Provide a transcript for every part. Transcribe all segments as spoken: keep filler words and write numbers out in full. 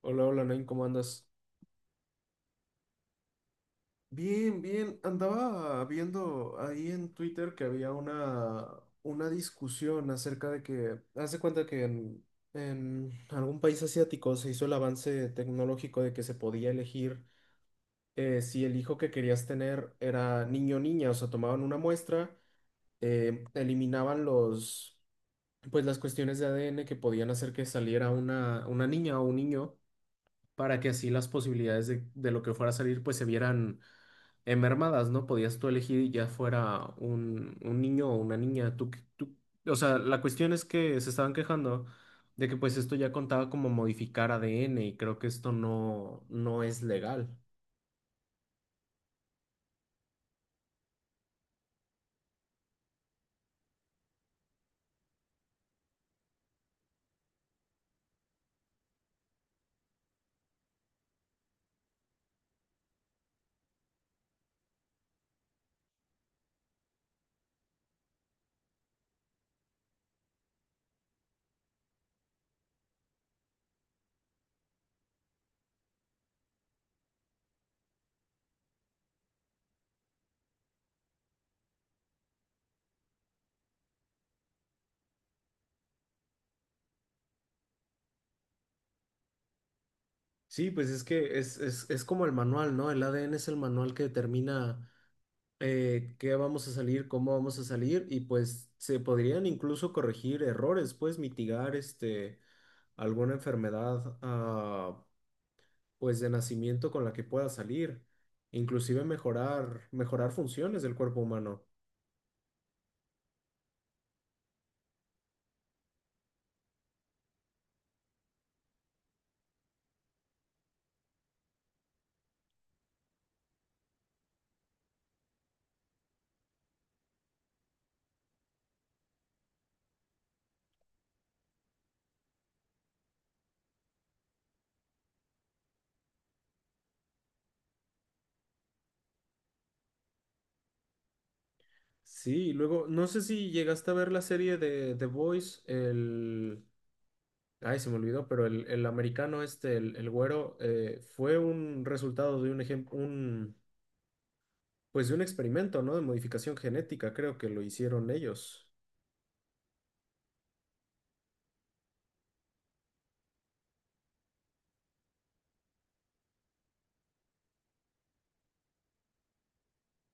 Hola, hola, Nain, ¿cómo andas? Bien, bien. Andaba viendo ahí en Twitter que había una, una discusión acerca de que, hace cuenta que en, en algún país asiático se hizo el avance tecnológico de que se podía elegir eh, si el hijo que querías tener era niño o niña. O sea, tomaban una muestra, eh, eliminaban los, pues las cuestiones de A D N que podían hacer que saliera una, una niña o un niño para que así las posibilidades de, de lo que fuera a salir pues se vieran en mermadas, ¿no? Podías tú elegir ya fuera un, un niño o una niña. Tú, qué- tú, o sea, la cuestión es que se estaban quejando de que pues esto ya contaba como modificar A D N y creo que esto no, no es legal. Sí, pues es que es, es, es como el manual, ¿no? El A D N es el manual que determina eh, qué vamos a salir, cómo vamos a salir, y pues se podrían incluso corregir errores, pues mitigar este, alguna enfermedad ah, pues de nacimiento con la que pueda salir, inclusive mejorar, mejorar funciones del cuerpo humano. Sí, y luego, no sé si llegaste a ver la serie de The Boys, el... Ay, se me olvidó, pero el, el americano este, el, el güero, eh, fue un resultado de un ejemplo, un, pues de un experimento, ¿no? De modificación genética, creo que lo hicieron ellos.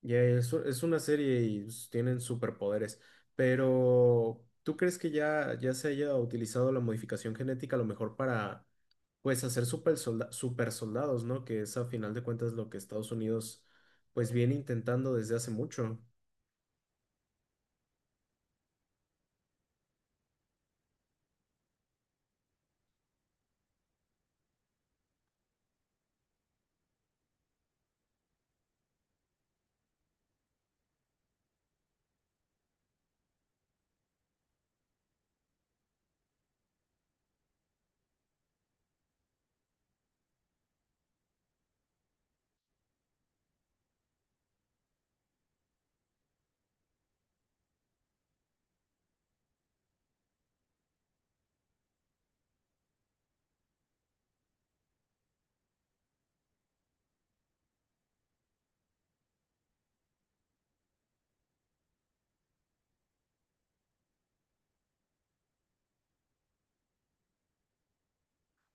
Ya es, u- es una serie y s- tienen superpoderes, pero ¿tú crees que ya, ya se haya utilizado la modificación genética a lo mejor para, pues, hacer super, super soldados? ¿No? Que es a final de cuentas lo que Estados Unidos, pues, viene intentando desde hace mucho.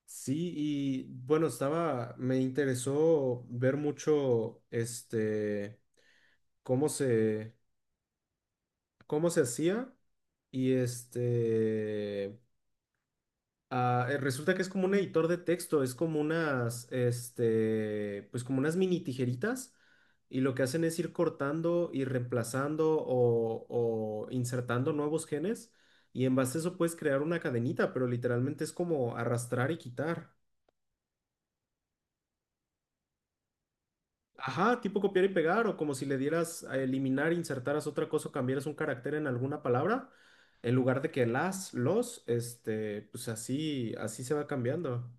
Sí, y bueno, estaba, me interesó ver mucho, este, cómo se, cómo se hacía y este... Ah, eh, resulta que es como un editor de texto, es como unas, este, pues como unas mini tijeritas, y lo que hacen es ir cortando y reemplazando o, o insertando nuevos genes, y en base a eso puedes crear una cadenita, pero literalmente es como arrastrar y quitar. Ajá, tipo copiar y pegar, o como si le dieras a eliminar, insertaras otra cosa o cambiaras un carácter en alguna palabra en lugar de que las, los, este, pues así, así se va cambiando.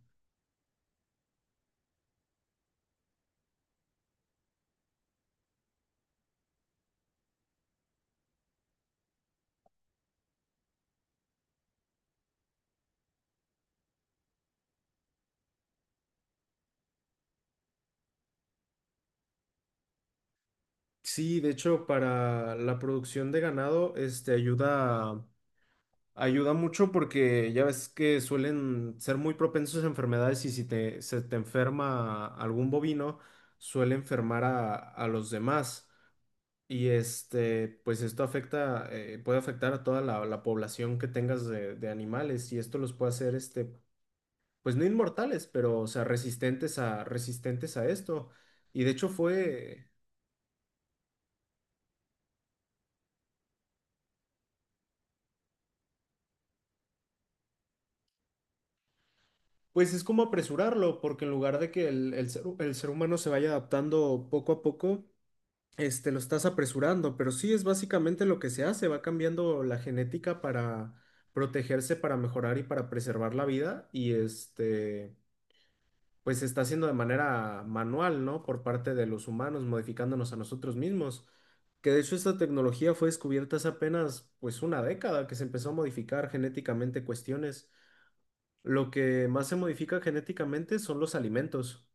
Sí, de hecho, para la producción de ganado, este ayuda, ayuda mucho porque ya ves que suelen ser muy propensos a enfermedades, y si te, se te enferma algún bovino, suele enfermar a, a los demás. Y este, pues esto afecta, eh, puede afectar a toda la, la población que tengas de, de animales, y esto los puede hacer, este, pues no inmortales, pero o sea, resistentes a, resistentes a esto. Y de hecho fue. Pues es como apresurarlo, porque en lugar de que el, el ser, el ser humano se vaya adaptando poco a poco, este, lo estás apresurando, pero sí es básicamente lo que se hace, va cambiando la genética para protegerse, para mejorar y para preservar la vida, y este, pues se está haciendo de manera manual, ¿no? Por parte de los humanos, modificándonos a nosotros mismos, que de hecho esta tecnología fue descubierta hace apenas, pues, una década que se empezó a modificar genéticamente cuestiones. Lo que más se modifica genéticamente son los alimentos.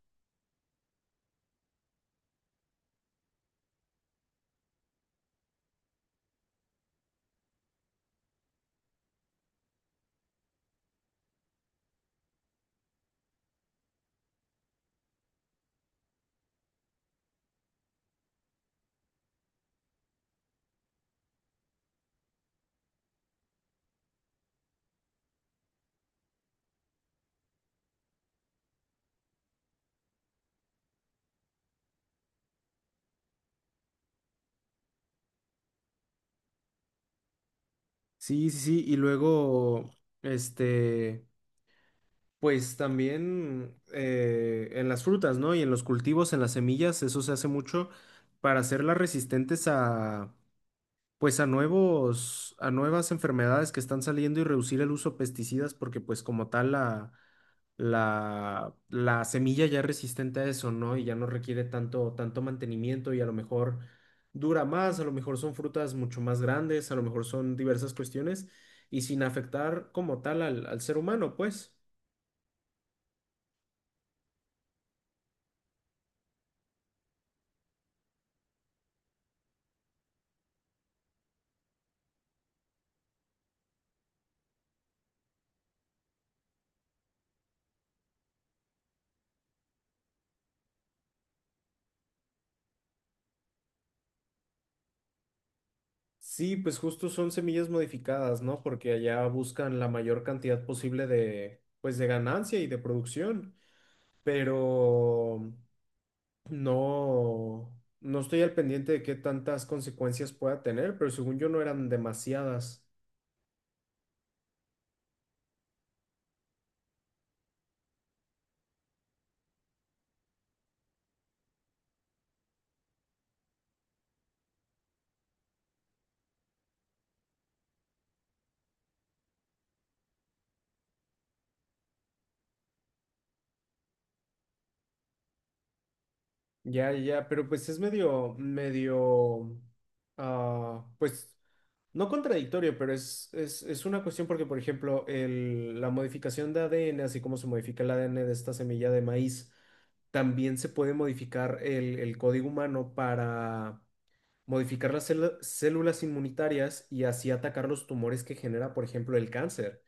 Sí, sí, sí. Y luego, este, pues también eh, en las frutas, ¿no? Y en los cultivos, en las semillas, eso se hace mucho para hacerlas resistentes a, pues a nuevos, a nuevas enfermedades que están saliendo y reducir el uso de pesticidas, porque pues como tal la la, la semilla ya es resistente a eso, ¿no? Y ya no requiere tanto, tanto mantenimiento, y a lo mejor dura más, a lo mejor son frutas mucho más grandes, a lo mejor son diversas cuestiones, y sin afectar como tal al, al ser humano, pues. Sí, pues justo son semillas modificadas, ¿no? Porque allá buscan la mayor cantidad posible de, pues, de ganancia y de producción. Pero no, no estoy al pendiente de qué tantas consecuencias pueda tener, pero según yo no eran demasiadas. Ya, ya, pero pues es medio, medio, ah, pues no contradictorio, pero es, es, es una cuestión porque, por ejemplo, el- la modificación de A D N, así como se modifica el A D N de esta semilla de maíz, también se puede modificar el, el código humano para modificar las celu- células inmunitarias y así atacar los tumores que genera, por ejemplo, el cáncer.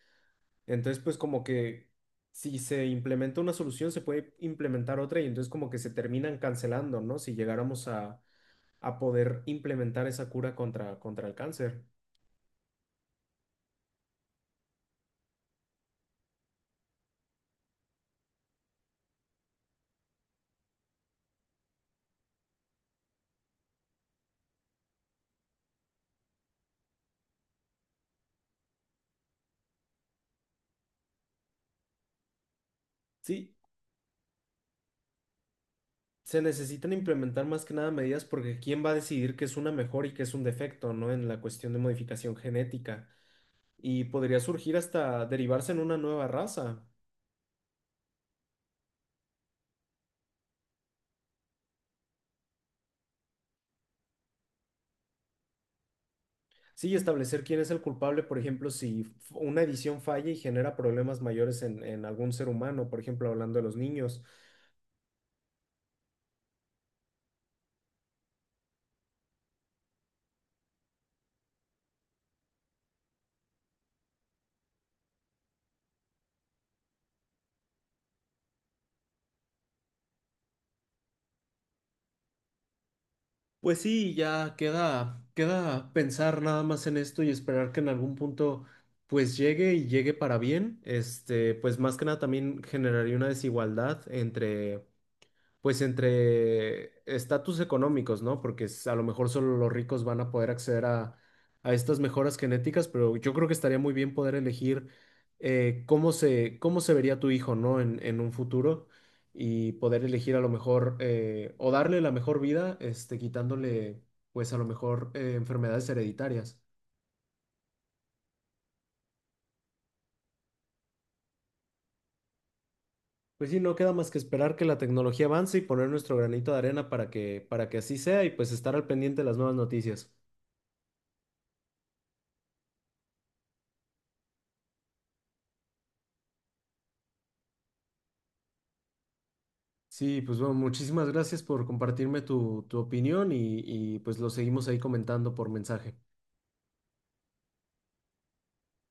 Entonces, pues como que si se implementa una solución, se puede implementar otra, y entonces como que se terminan cancelando, ¿no? Si llegáramos a, a poder implementar esa cura contra, contra el cáncer. Sí, se necesitan implementar más que nada medidas porque ¿quién va a decidir qué es una mejor y qué es un defecto? ¿No? En la cuestión de modificación genética. Y podría surgir hasta derivarse en una nueva raza. Sí, y establecer quién es el culpable, por ejemplo, si f- una edición falla y genera problemas mayores en, en algún ser humano, por ejemplo, hablando de los niños. Pues sí, ya queda, queda pensar nada más en esto y esperar que en algún punto pues llegue y llegue para bien. Este, pues más que nada también generaría una desigualdad entre pues entre estatus económicos, ¿no? Porque es- a lo mejor solo los ricos van a poder acceder a, a estas mejoras genéticas, pero yo creo que estaría muy bien poder elegir eh, cómo se, cómo se vería tu hijo, ¿no? En, en un futuro, y poder elegir a lo mejor eh, o darle la mejor vida, este, quitándole, pues a lo mejor eh, enfermedades hereditarias. Pues sí, no queda más que esperar que la tecnología avance y poner nuestro granito de arena para que, para que así sea, y pues estar al pendiente de las nuevas noticias. Sí, pues bueno, muchísimas gracias por compartirme tu, tu opinión y, y pues lo seguimos ahí comentando por mensaje.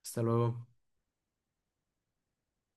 Hasta luego.